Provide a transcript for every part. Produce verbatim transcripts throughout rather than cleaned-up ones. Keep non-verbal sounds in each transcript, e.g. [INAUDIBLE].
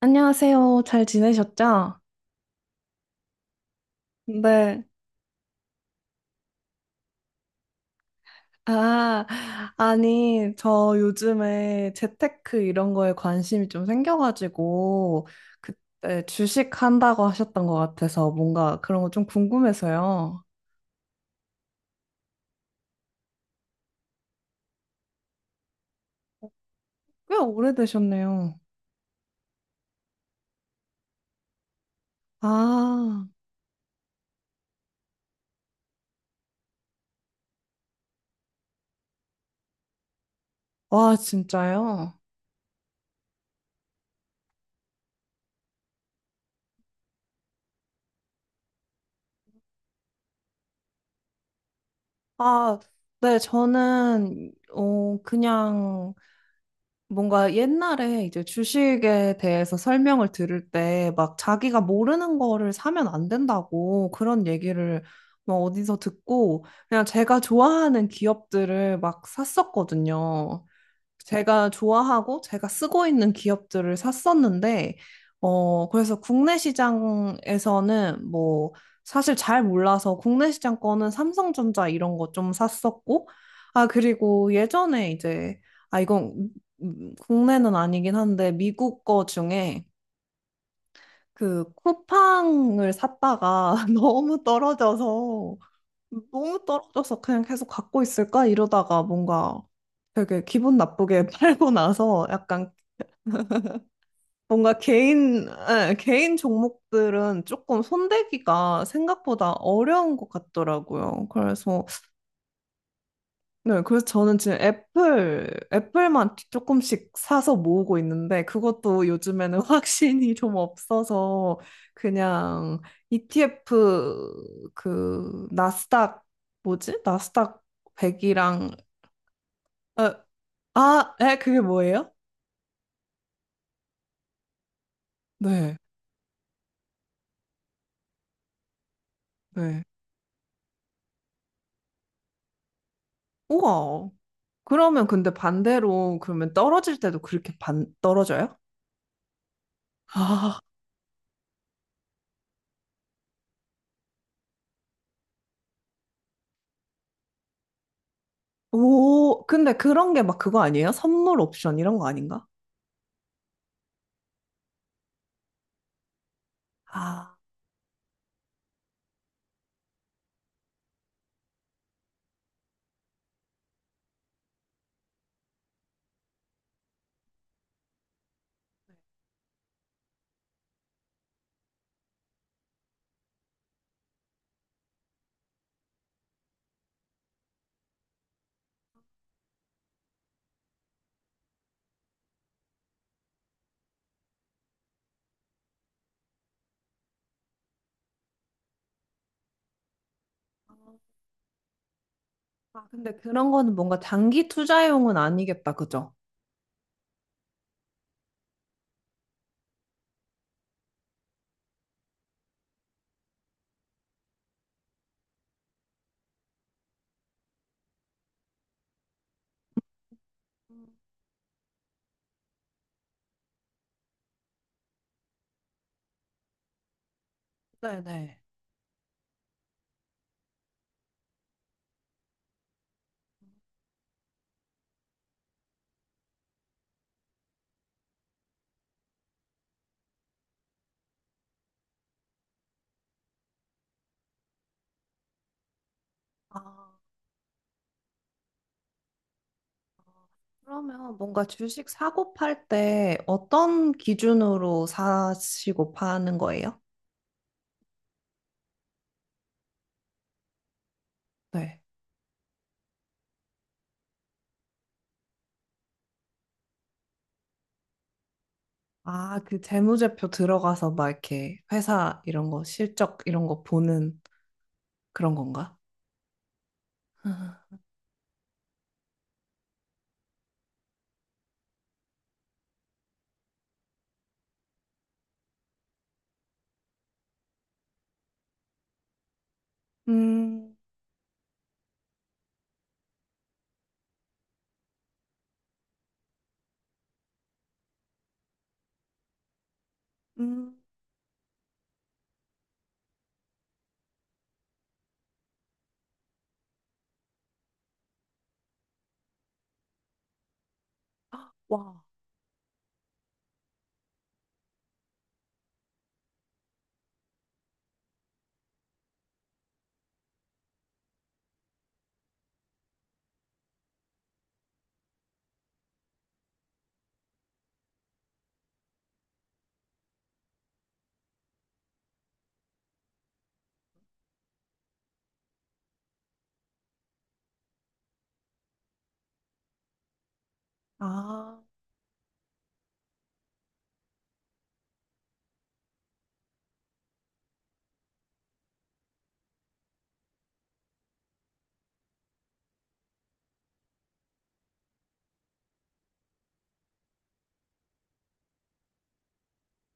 안녕하세요. 잘 지내셨죠? 네. 아, 아니, 저 요즘에 재테크 이런 거에 관심이 좀 생겨가지고, 그때 주식 한다고 하셨던 것 같아서 뭔가 그런 거 좀 궁금해서요. 꽤 오래되셨네요. 아, 와, 진짜요? 아, 네, 저는, 어, 그냥 뭔가 옛날에 이제 주식에 대해서 설명을 들을 때 막 자기가 모르는 거를 사면 안 된다고 그런 얘기를 뭐 어디서 듣고 그냥 제가 좋아하는 기업들을 막 샀었거든요. 제가 좋아하고 제가 쓰고 있는 기업들을 샀었는데, 어, 그래서 국내 시장에서는 뭐, 사실 잘 몰라서 국내 시장 거는 삼성전자 이런 거 좀 샀었고, 아, 그리고 예전에 이제, 아, 이건 음, 국내는 아니긴 한데, 미국 거 중에 그 쿠팡을 샀다가 [LAUGHS] 너무 떨어져서, 너무 떨어져서 그냥 계속 갖고 있을까? 이러다가 뭔가 되게 기분 나쁘게 [LAUGHS] 팔고 나서 약간 뭔가 개인, 예, 개인 종목들은 조금 손대기가 생각보다 어려운 것 같더라고요. 그래서, 네, 그래서 저는 지금 애플, 애플만 조금씩 사서 모으고 있는데 그것도 요즘에는 [LAUGHS] 확신이 좀 없어서 그냥 이티에프 그 나스닥 뭐지? 나스닥 백이랑 어, 아, 에, 그게 뭐예요? 네, 네. 우와. 그러면 근데 반대로 그러면 떨어질 때도 그렇게 반 떨어져요? 아, 오, 근데 그런 게 막 그거 아니에요? 선물 옵션 이런 거 아닌가? 아, 아, 근데 그런 거는 뭔가 장기 투자용은 아니겠다, 그죠? 네네. 아, 그러면 뭔가 주식 사고 팔 때 어떤 기준으로 사시고 파는 거예요? 네. 아, 그 재무제표 들어가서 막 이렇게 회사 이런 거 실적 이런 거 보는 그런 건가? 음, 음, 아, 와, 아,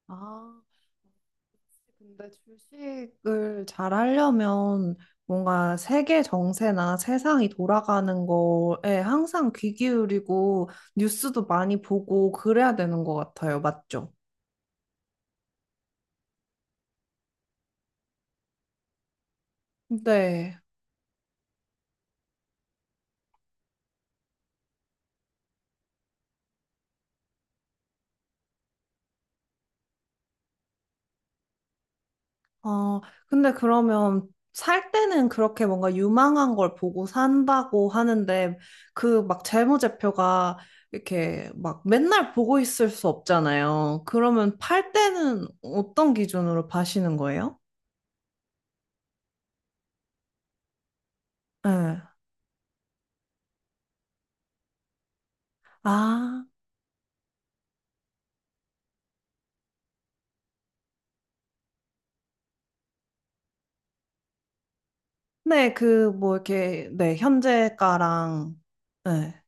아. 근데 주식을 잘 하려면 뭔가 세계 정세나 세상이 돌아가는 거에 항상 귀 기울이고 뉴스도 많이 보고 그래야 되는 것 같아요. 맞죠? 네. 어, 근데 그러면 살 때는 그렇게 뭔가 유망한 걸 보고 산다고 하는데 그 막 재무제표가 이렇게 막 맨날 보고 있을 수 없잖아요. 그러면 팔 때는 어떤 기준으로 파시는 거예요? 네. 아, 네, 그 뭐 이렇게 네, 현재가랑 네.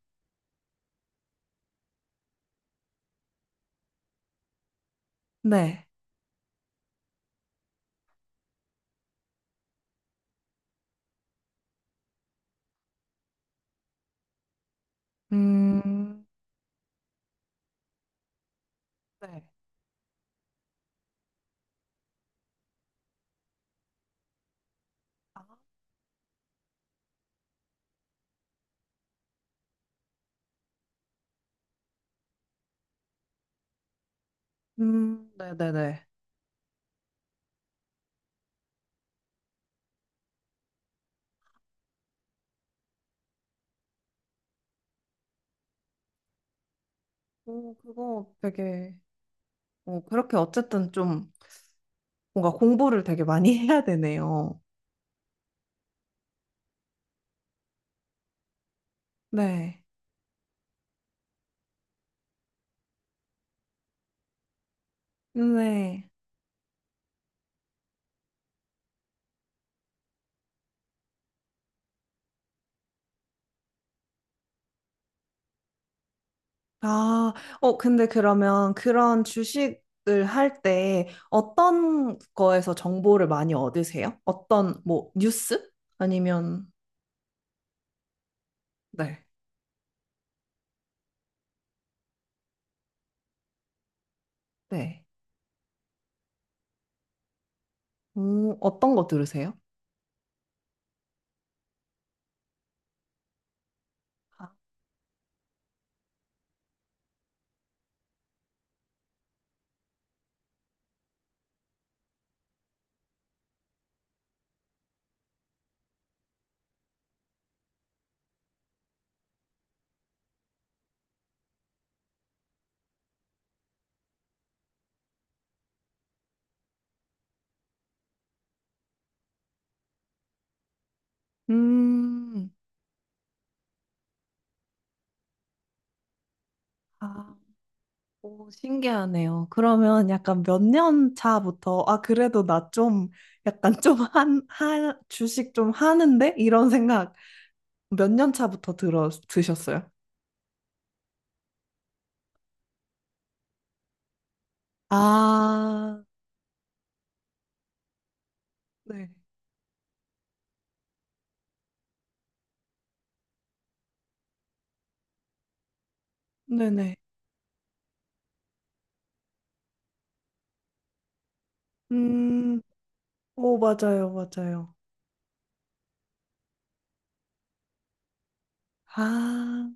네. 음, 네. 음, 네네네. 오, 그거 되게, 오, 그렇게 어쨌든 좀 뭔가 공부를 되게 많이 [LAUGHS] 해야 되네요. 네. 네. 아, 어, 근데 그러면 그런 주식을 할 때 어떤 거에서 정보를 많이 얻으세요? 어떤, 뭐, 뉴스? 아니면, 네. 네. 오, 어떤 거 들으세요? 아, 음, 아, 오, 신기하네요. 그러면 약간 몇 년 차부터, 아, 그래도 나 좀, 약간 좀 한, 한, 주식 좀 하는데? 이런 생각 몇 년 차부터 들어 드셨어요? 아, 네. 네네. 음, 오, 맞아요, 맞아요. 아,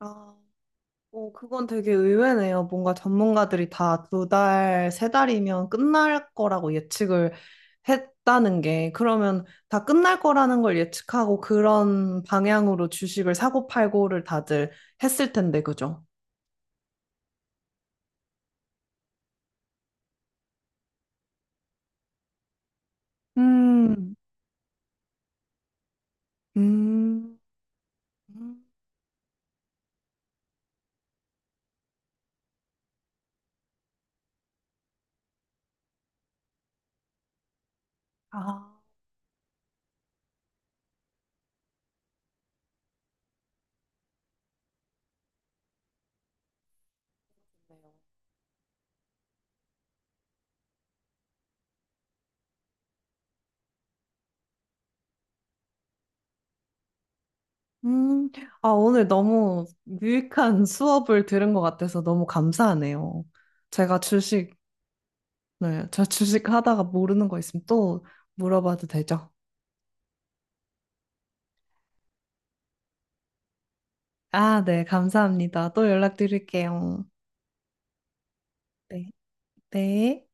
아, 오 그건 되게 의외네요. 뭔가 전문가들이 다 두 달, 세 달이면 끝날 거라고 예측을 했다는 게, 그러면 다 끝날 거라는 걸 예측하고 그런 방향으로 주식을 사고 팔고를 다들 했을 텐데, 그죠? 음, 음, 음. 아. 음, 아, 오늘 너무 유익한 수업을 들은 것 같아서 너무 감사하네요. 제가 주식, 네, 저 주식 하다가 모르는 거 있으면 또 물어봐도 되죠? 아, 네, 감사합니다. 또 연락드릴게요. 네, 네.